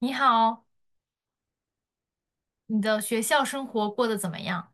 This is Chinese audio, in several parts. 你好，你的学校生活过得怎么样？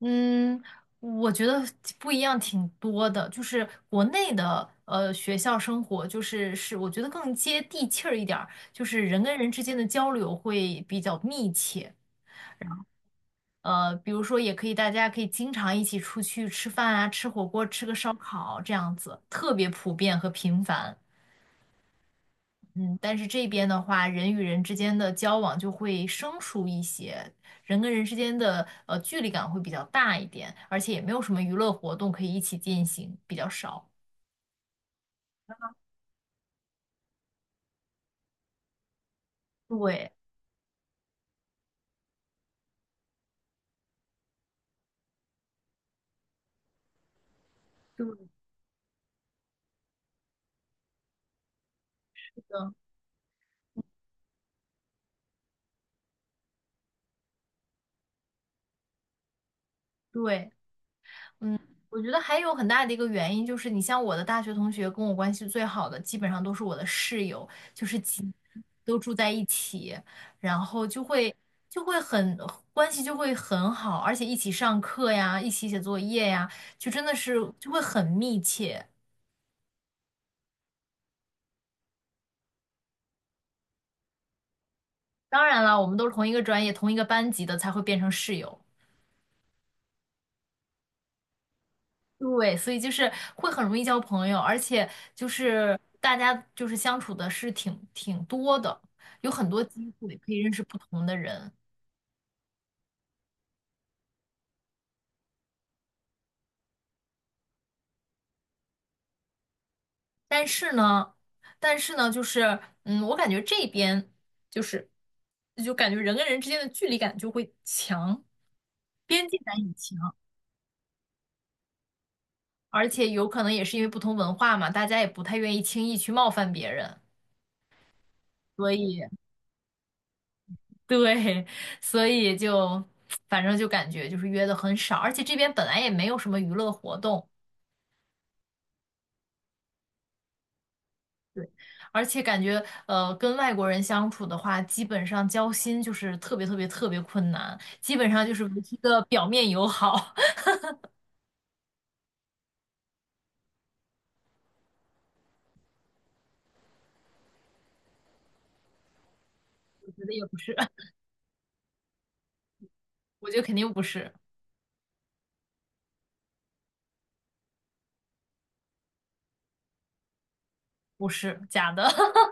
嗯，我觉得不一样挺多的，就是国内的学校生活，就是我觉得更接地气儿一点儿，就是人跟人之间的交流会比较密切。呃，比如说也可以，大家可以经常一起出去吃饭啊，吃火锅，吃个烧烤这样子，特别普遍和频繁。嗯，但是这边的话，人与人之间的交往就会生疏一些，人跟人之间的距离感会比较大一点，而且也没有什么娱乐活动可以一起进行，比较少。对，对，是的，对。嗯，我觉得还有很大的一个原因就是，你像我的大学同学，跟我关系最好的，基本上都是我的室友，就是几都住在一起，然后就会就会很关系就会很好，而且一起上课呀，一起写作业呀，就真的是就会很密切。当然了，我们都是同一个专业、同一个班级的，才会变成室友。对，所以就是会很容易交朋友，而且就是大家就是相处的是挺多的，有很多机会可以认识不同的人。但是呢，但是呢，我感觉这边就是就感觉人跟人之间的距离感就会强，边界感也强，而且有可能也是因为不同文化嘛，大家也不太愿意轻易去冒犯别人，所以。对，所以就反正就感觉就是约的很少，而且这边本来也没有什么娱乐活动，对，而且感觉跟外国人相处的话，基本上交心就是特别困难，基本上就是维持一个表面友好。我觉得也不是。我觉得肯定不是，不是假的。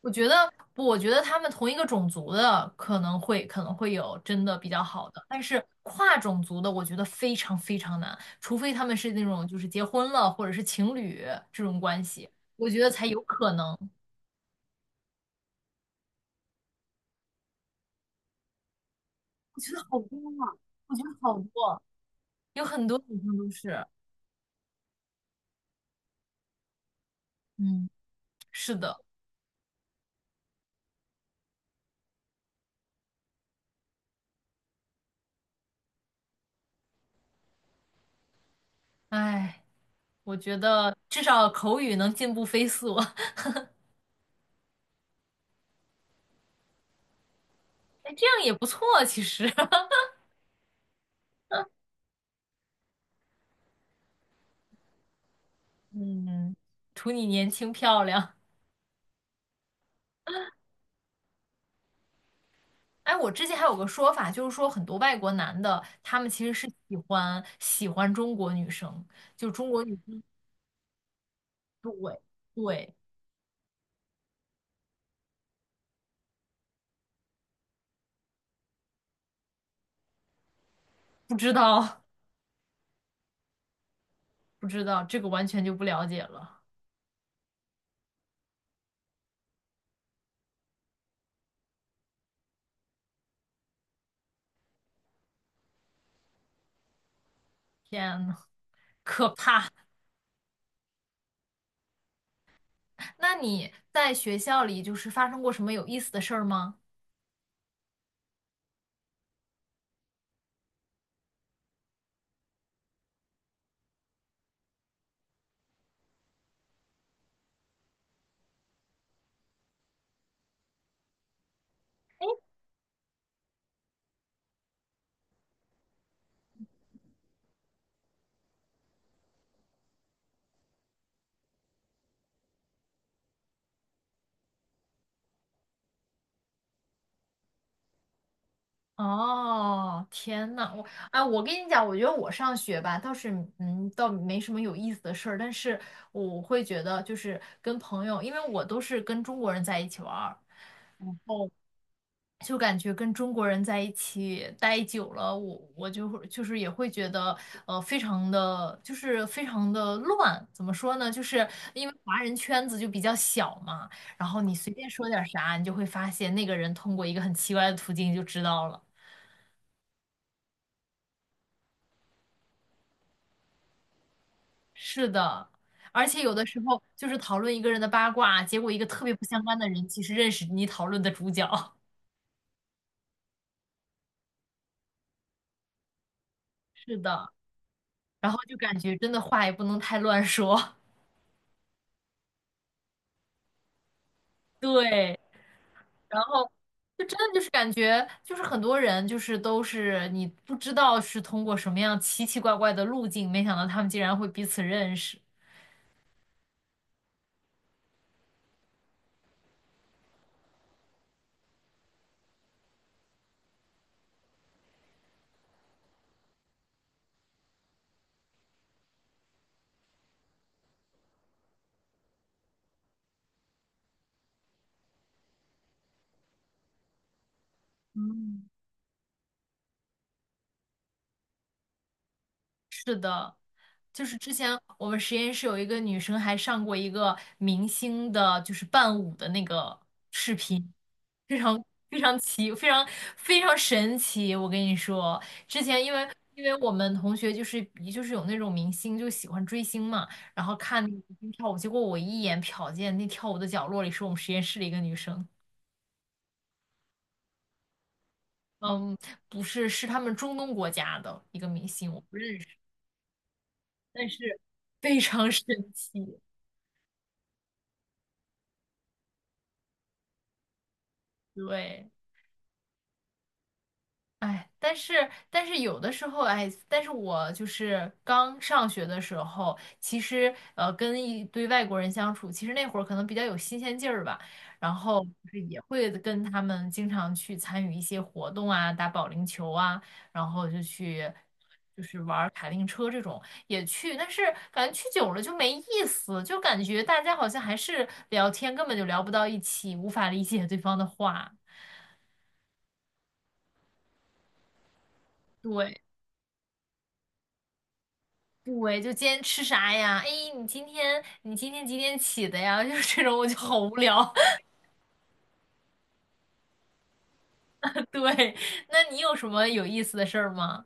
我觉得不，我觉得他们同一个种族的可能会有真的比较好的，但是跨种族的，我觉得非常难，除非他们是那种就是结婚了或者是情侣这种关系，我觉得才有可能。我觉得好多啊，我觉得好多，有很多女生都是，嗯，是的。哎，我觉得至少口语能进步飞速。哎，这样也不错，其实。嗯，图你年轻漂亮。哎，我之前还有个说法，就是说很多外国男的，他们其实是喜欢中国女生，就中国女生，对，不知道。 不知道，这个完全就不了解了。天呐，那你在学校里就是发生过什么有意思的事儿吗？哦，天呐，我哎，我跟你讲，我觉得我上学吧，倒是嗯，倒没什么有意思的事儿，但是我会觉得就是跟朋友，因为我都是跟中国人在一起玩儿。就感觉跟中国人在一起待久了，我就会就是也会觉得，非常的就是非常的乱。怎么说呢？就是因为华人圈子就比较小嘛，然后你随便说点啥，你就会发现那个人通过一个很奇怪的途径就知道了。是的，而且有的时候就是讨论一个人的八卦，结果一个特别不相干的人其实认识你讨论的主角。是的，然后就感觉真的话也不能太乱说。对。然后就真的就是感觉，就是很多人就是都是你不知道是通过什么样奇奇怪怪的路径，没想到他们竟然会彼此认识。嗯。就是之前我们实验室有一个女生还上过一个明星的，就是伴舞的那个视频，非常非常奇，非常非常神奇。我跟你说，之前因为我们同学就是就是有那种明星就喜欢追星嘛，然后看那个明星跳舞，结果我一眼瞟见那跳舞的角落里是我们实验室的一个女生，嗯，不是，是他们中东国家的一个明星，我不认识，但是非常神奇，对。哎，但是有的时候，哎，但是我就是刚上学的时候，其实，跟一堆外国人相处，其实那会儿可能比较有新鲜劲儿吧，然后就是也会跟他们经常去参与一些活动啊，打保龄球啊，然后就去就是玩儿卡丁车这种也去，但是感觉去久了就没意思，就感觉大家好像还是聊天根本就聊不到一起，无法理解对方的话，对。对，就今天吃啥呀？哎，你今天几点起的呀？就是这种，我就好无聊。对，那你有什么有意思的事儿吗？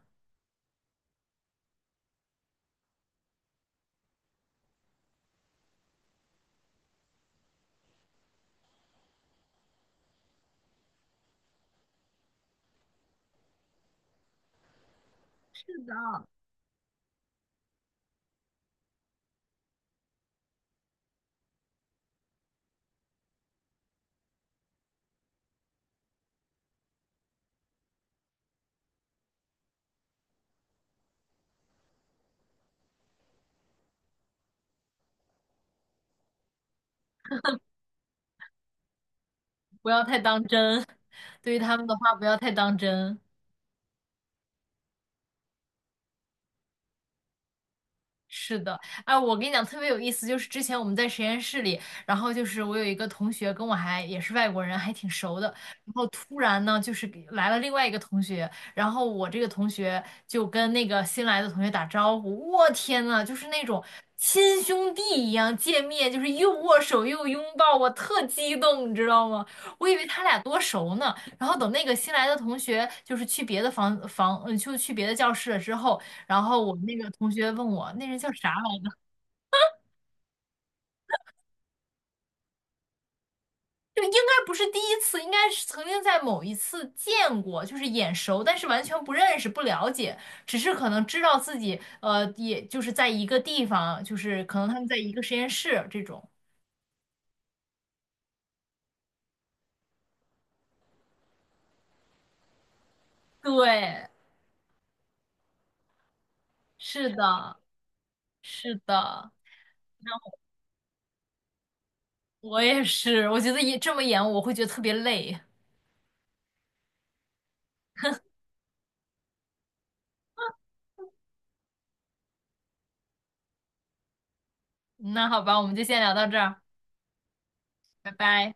不要太当真，对于他们的话不要太当真。是的，哎，我跟你讲特别有意思，就是之前我们在实验室里，然后就是我有一个同学跟我还也是外国人，还挺熟的，然后突然呢就是给来了另外一个同学，然后我这个同学就跟那个新来的同学打招呼，我天呐，就是那种亲兄弟一样见面，就是又握手又拥抱，我特激动，你知道吗？我以为他俩多熟呢，然后等那个新来的同学就是去别的房，嗯，就去别的教室了之后。然后我那个同学问我，那人叫啥来着？就应该不是第一次，应该是曾经在某一次见过，就是眼熟，但是完全不认识、不了解，只是可能知道自己，呃，也就是在一个地方，就是可能他们在一个实验室这种。对，是的，是的，我也是，我觉得也这么演，我会觉得特别累。那好吧，我们就先聊到这儿，拜拜。